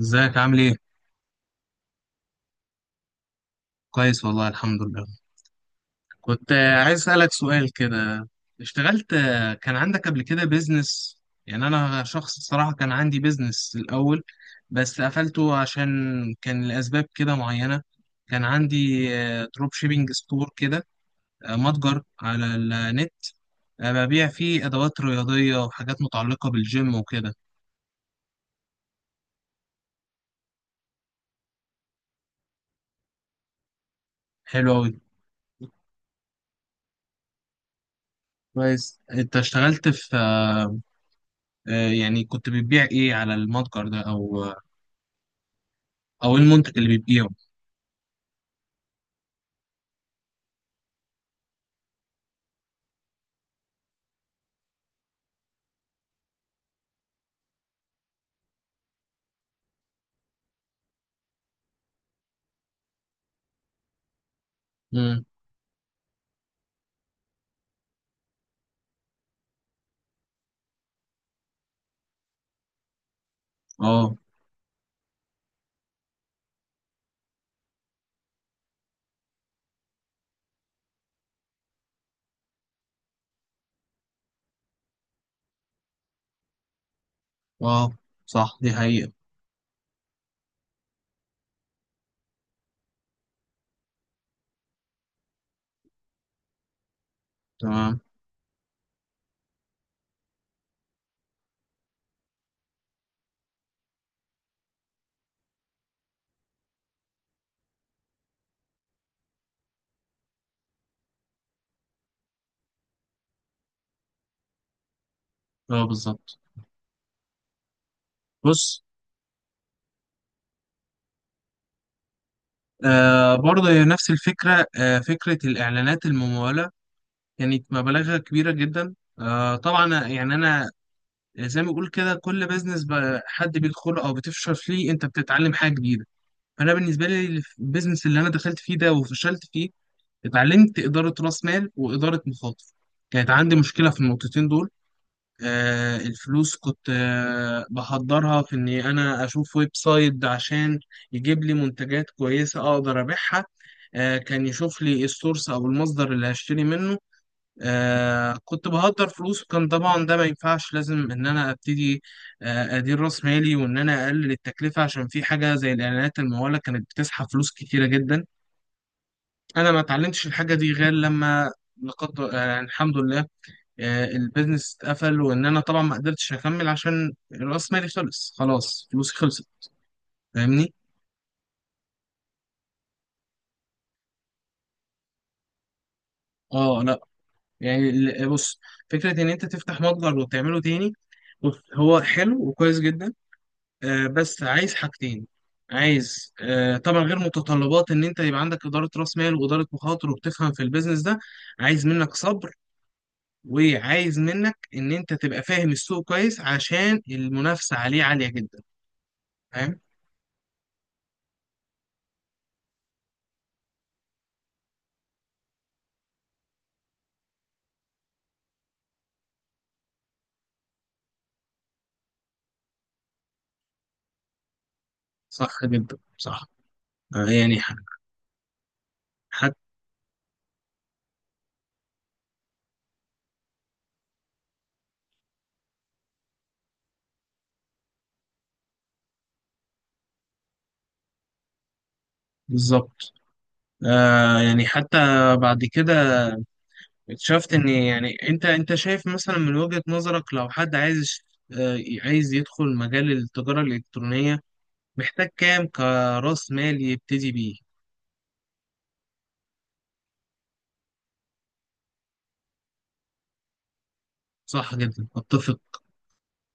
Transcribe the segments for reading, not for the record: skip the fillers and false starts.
ازيك عامل ايه؟ كويس والله، الحمد لله. كنت عايز اسألك سؤال كده. اشتغلت، كان عندك قبل كده بيزنس؟ يعني انا شخص الصراحة كان عندي بيزنس الاول، بس قفلته عشان كان لأسباب كده معينة. كان عندي دروب شيبينج ستور كده، متجر على النت. ببيع فيه ادوات رياضية وحاجات متعلقة بالجيم وكده. حلو اوي. كويس، انت اشتغلت في. يعني كنت بتبيع ايه على المتجر ده او ايه المنتج اللي بتبيعه؟ امم. اه، اه، صح، دي حقيقة. تمام. اه، بالظبط. بص. برضه هي نفس الفكرة، فكرة الإعلانات الممولة كانت مبالغها كبيرة جدا. طبعا يعني أنا، زي ما بقول كده، كل بيزنس حد بيدخله أو بتفشل فيه أنت بتتعلم حاجة جديدة. فأنا بالنسبة لي البيزنس اللي أنا دخلت فيه ده وفشلت فيه، اتعلمت إدارة رأس مال وإدارة مخاطر. كانت عندي مشكلة في النقطتين دول. الفلوس كنت بحضرها في اني انا اشوف ويب سايت عشان يجيب لي منتجات كويسة اقدر ابيعها. كان يشوف لي السورس او المصدر اللي هشتري منه. كنت بهدر فلوس، وكان طبعا ده ما ينفعش، لازم ان انا ابتدي ادير راس مالي وان انا اقلل التكلفة، عشان في حاجة زي الاعلانات الممولة كانت بتسحب فلوس كتيرة جدا. انا ما اتعلمتش الحاجة دي غير لما لقد، يعني الحمد لله، البيزنس اتقفل وان انا طبعا ما قدرتش اكمل عشان راس مالي خلص، خلاص فلوسي خلصت. فاهمني؟ اه، لا، يعني بص، فكره ان انت تفتح متجر وتعمله تاني. بص، هو حلو وكويس جدا. بس عايز حاجتين. عايز طبعا غير متطلبات ان انت يبقى عندك اداره راس مال واداره مخاطر وبتفهم في البيزنس ده، عايز منك صبر، وعايز منك ان انت تبقى فاهم السوق كويس عشان المنافسه عليه عاليه جدا. فاهم؟ صح جدا، صح. يعني حتى. بالظبط. يعني حتى بعد كده اكتشفت ان، يعني، انت شايف مثلا من وجهة نظرك، لو حد عايز، آه عايز يدخل مجال التجارة الإلكترونية، محتاج كام كرأس مال يبتدي بيه؟ صح جدا، اتفق.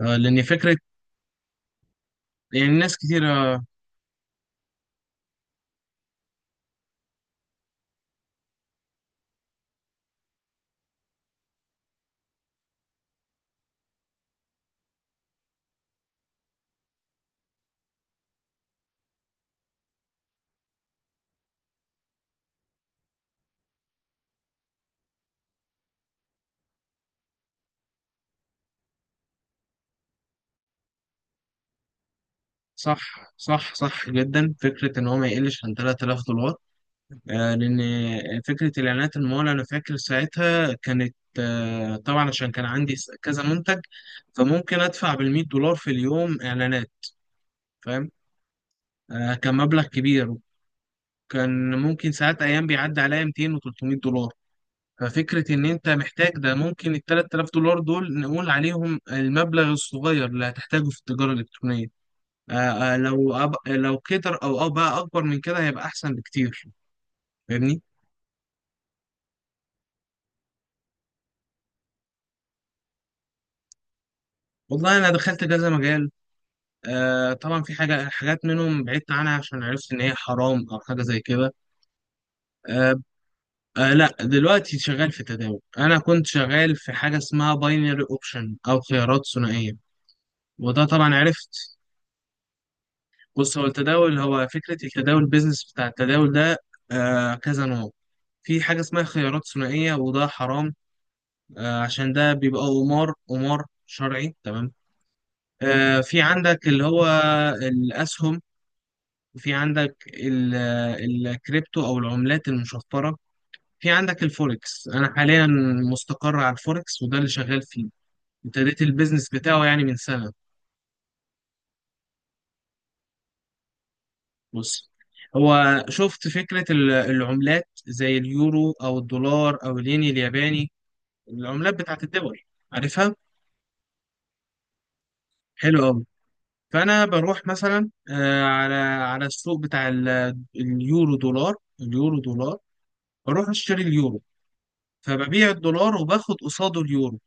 لان فكرة، يعني ناس كتيرة. صح، صح، صح جدا، فكرة ان هو ما يقلش عن 3000 دولار. لان فكرة الاعلانات المالية، انا فاكر ساعتها كانت طبعا عشان كان عندي كذا منتج، فممكن ادفع بالمية دولار في اليوم اعلانات. فاهم. كان مبلغ كبير. وكان ممكن ساعات ايام بيعدي عليا 200 و300 دولار. ففكرة إن أنت محتاج ده، ممكن ال 3000 دولار دول نقول عليهم المبلغ الصغير اللي هتحتاجه في التجارة الإلكترونية. لو كتر أو بقى أكبر من كده هيبقى أحسن بكتير. فاهمني؟ والله أنا دخلت كذا مجال. طبعا في حاجات منهم بعدت عنها عشان عرفت إن هي حرام أو حاجة زي كده. آه، لا، دلوقتي شغال في تداول. انا كنت شغال في حاجه اسمها باينري اوبشن او خيارات ثنائيه، وده طبعا عرفت. بص، هو التداول، هو فكره التداول، البيزنس بتاع التداول ده كذا نوع. في حاجه اسمها خيارات ثنائيه وده حرام، عشان ده بيبقى قمار، قمار شرعي، تمام. في عندك اللي هو الاسهم، وفي عندك الكريبتو او العملات المشفره. في عندك الفوركس. انا حاليا مستقر على الفوركس وده اللي شغال فيه. ابتديت البيزنس بتاعه يعني من سنة. بص، هو شفت فكرة العملات زي اليورو أو الدولار أو الين الياباني، العملات بتاعت الدول، عارفها؟ حلو أوي. فأنا بروح مثلا على السوق بتاع اليورو دولار، اليورو دولار. بروح أشتري اليورو، فببيع الدولار وباخد قصاده اليورو،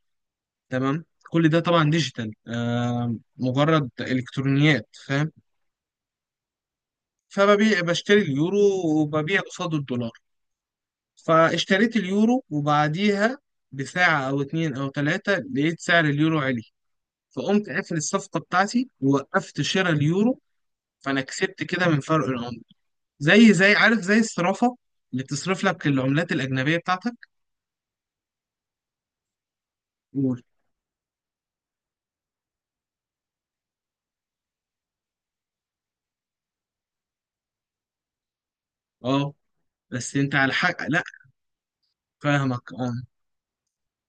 تمام. كل ده طبعا ديجيتال، مجرد إلكترونيات، فاهم. بشتري اليورو، وببيع قصاده الدولار. فاشتريت اليورو، وبعديها بساعة أو اتنين أو تلاتة، لقيت سعر اليورو عالي، فقمت قافل الصفقة بتاعتي ووقفت شراء اليورو، فأنا كسبت كده من فرق العملة، زي، عارف، زي الصرافة اللي بتصرف لك العملات الأجنبية بتاعتك. قول. أه، بس أنت على حق، لأ. فاهمك، أه.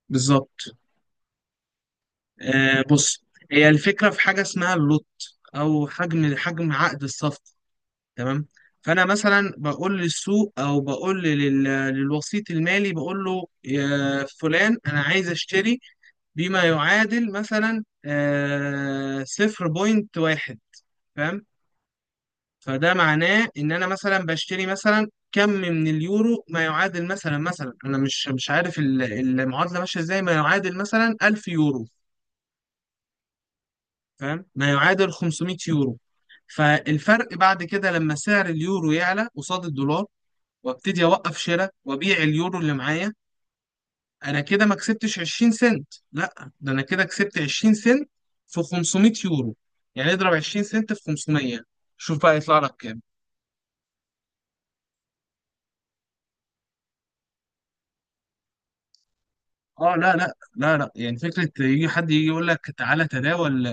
بالظبط. بص، هي الفكرة، في حاجة اسمها اللوت أو حجم عقد الصفقة، تمام. فانا مثلا بقول للسوق او بقول للوسيط المالي، بقول له يا فلان، انا عايز اشتري بما يعادل مثلا 0.1، فاهم. فده معناه ان انا مثلا بشتري مثلا كم من اليورو، ما يعادل مثلا انا مش عارف المعادله ماشيه ازاي، ما يعادل مثلا 1000 يورو، فاهم، ما يعادل 500 يورو. فالفرق بعد كده لما سعر اليورو يعلى قصاد الدولار وابتدي اوقف شراء وابيع اليورو اللي معايا، انا كده ما كسبتش 20 سنت، لا ده انا كده كسبت 20 سنت في 500 يورو، يعني اضرب 20 سنت في 500، شوف بقى يطلع لك كام. اه، لا، لا، لا، لا، يعني فكره يجي حد يجي يقول لك تعالى تداول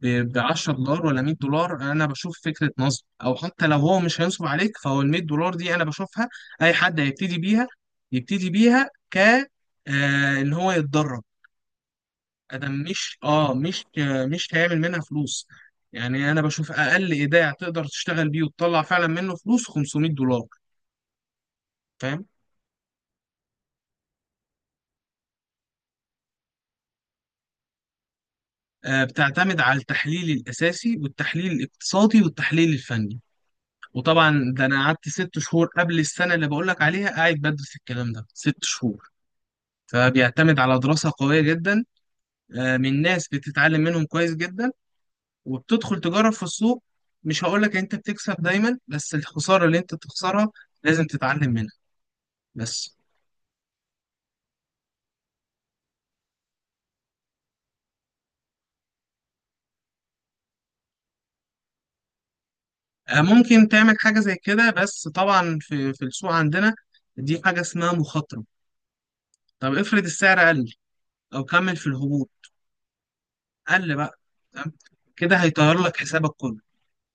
ب 10 دولار ولا 100 دولار، انا بشوف فكره نصب، او حتى لو هو مش هينصب عليك فهو ال 100 دولار دي انا بشوفها اي حد هيبتدي بيها، يبتدي بيها ان هو يتدرب. ده مش اه مش مش هيعمل منها فلوس. يعني انا بشوف اقل ايداع تقدر تشتغل بيه وتطلع فعلا منه فلوس 500 دولار، فاهم. بتعتمد على التحليل الاساسي والتحليل الاقتصادي والتحليل الفني، وطبعا ده انا قعدت 6 شهور قبل السنه اللي بقول لك عليها، قاعد بدرس الكلام ده 6 شهور. فبيعتمد على دراسه قويه جدا، من ناس بتتعلم منهم كويس جدا، وبتدخل تجرب في السوق. مش هقول لك انت بتكسب دايما، بس الخساره اللي انت بتخسرها لازم تتعلم منها، بس. ممكن تعمل حاجة زي كده، بس طبعا في السوق عندنا دي حاجة اسمها مخاطرة. طب افرض السعر قل، أو كمل في الهبوط، قل بقى، تمام، كده هيطير لك حسابك كله.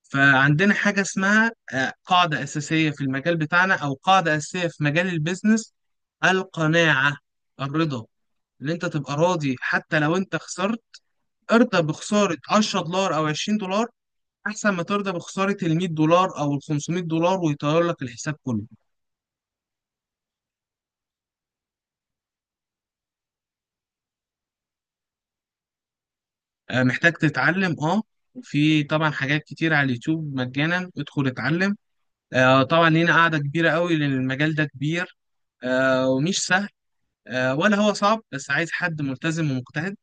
فعندنا حاجة اسمها قاعدة أساسية في المجال بتاعنا، أو قاعدة أساسية في مجال البيزنس، القناعة، الرضا، إن أنت تبقى راضي حتى لو أنت خسرت. ارضى بخسارة 10 دولار أو 20 دولار أحسن ما ترضى بخسارة ال 100 دولار أو ال 500 دولار ويطير لك الحساب كله. محتاج تتعلم، اه. في طبعا حاجات كتير على اليوتيوب مجانا، ادخل اتعلم. طبعا لينا قاعدة كبيرة قوي لان المجال ده كبير، ومش سهل، ولا هو صعب، بس عايز حد ملتزم ومجتهد.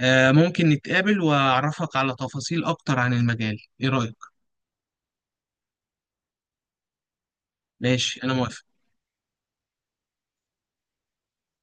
ممكن نتقابل واعرفك على تفاصيل اكتر عن المجال، ايه رأيك؟ ماشي، انا موافق.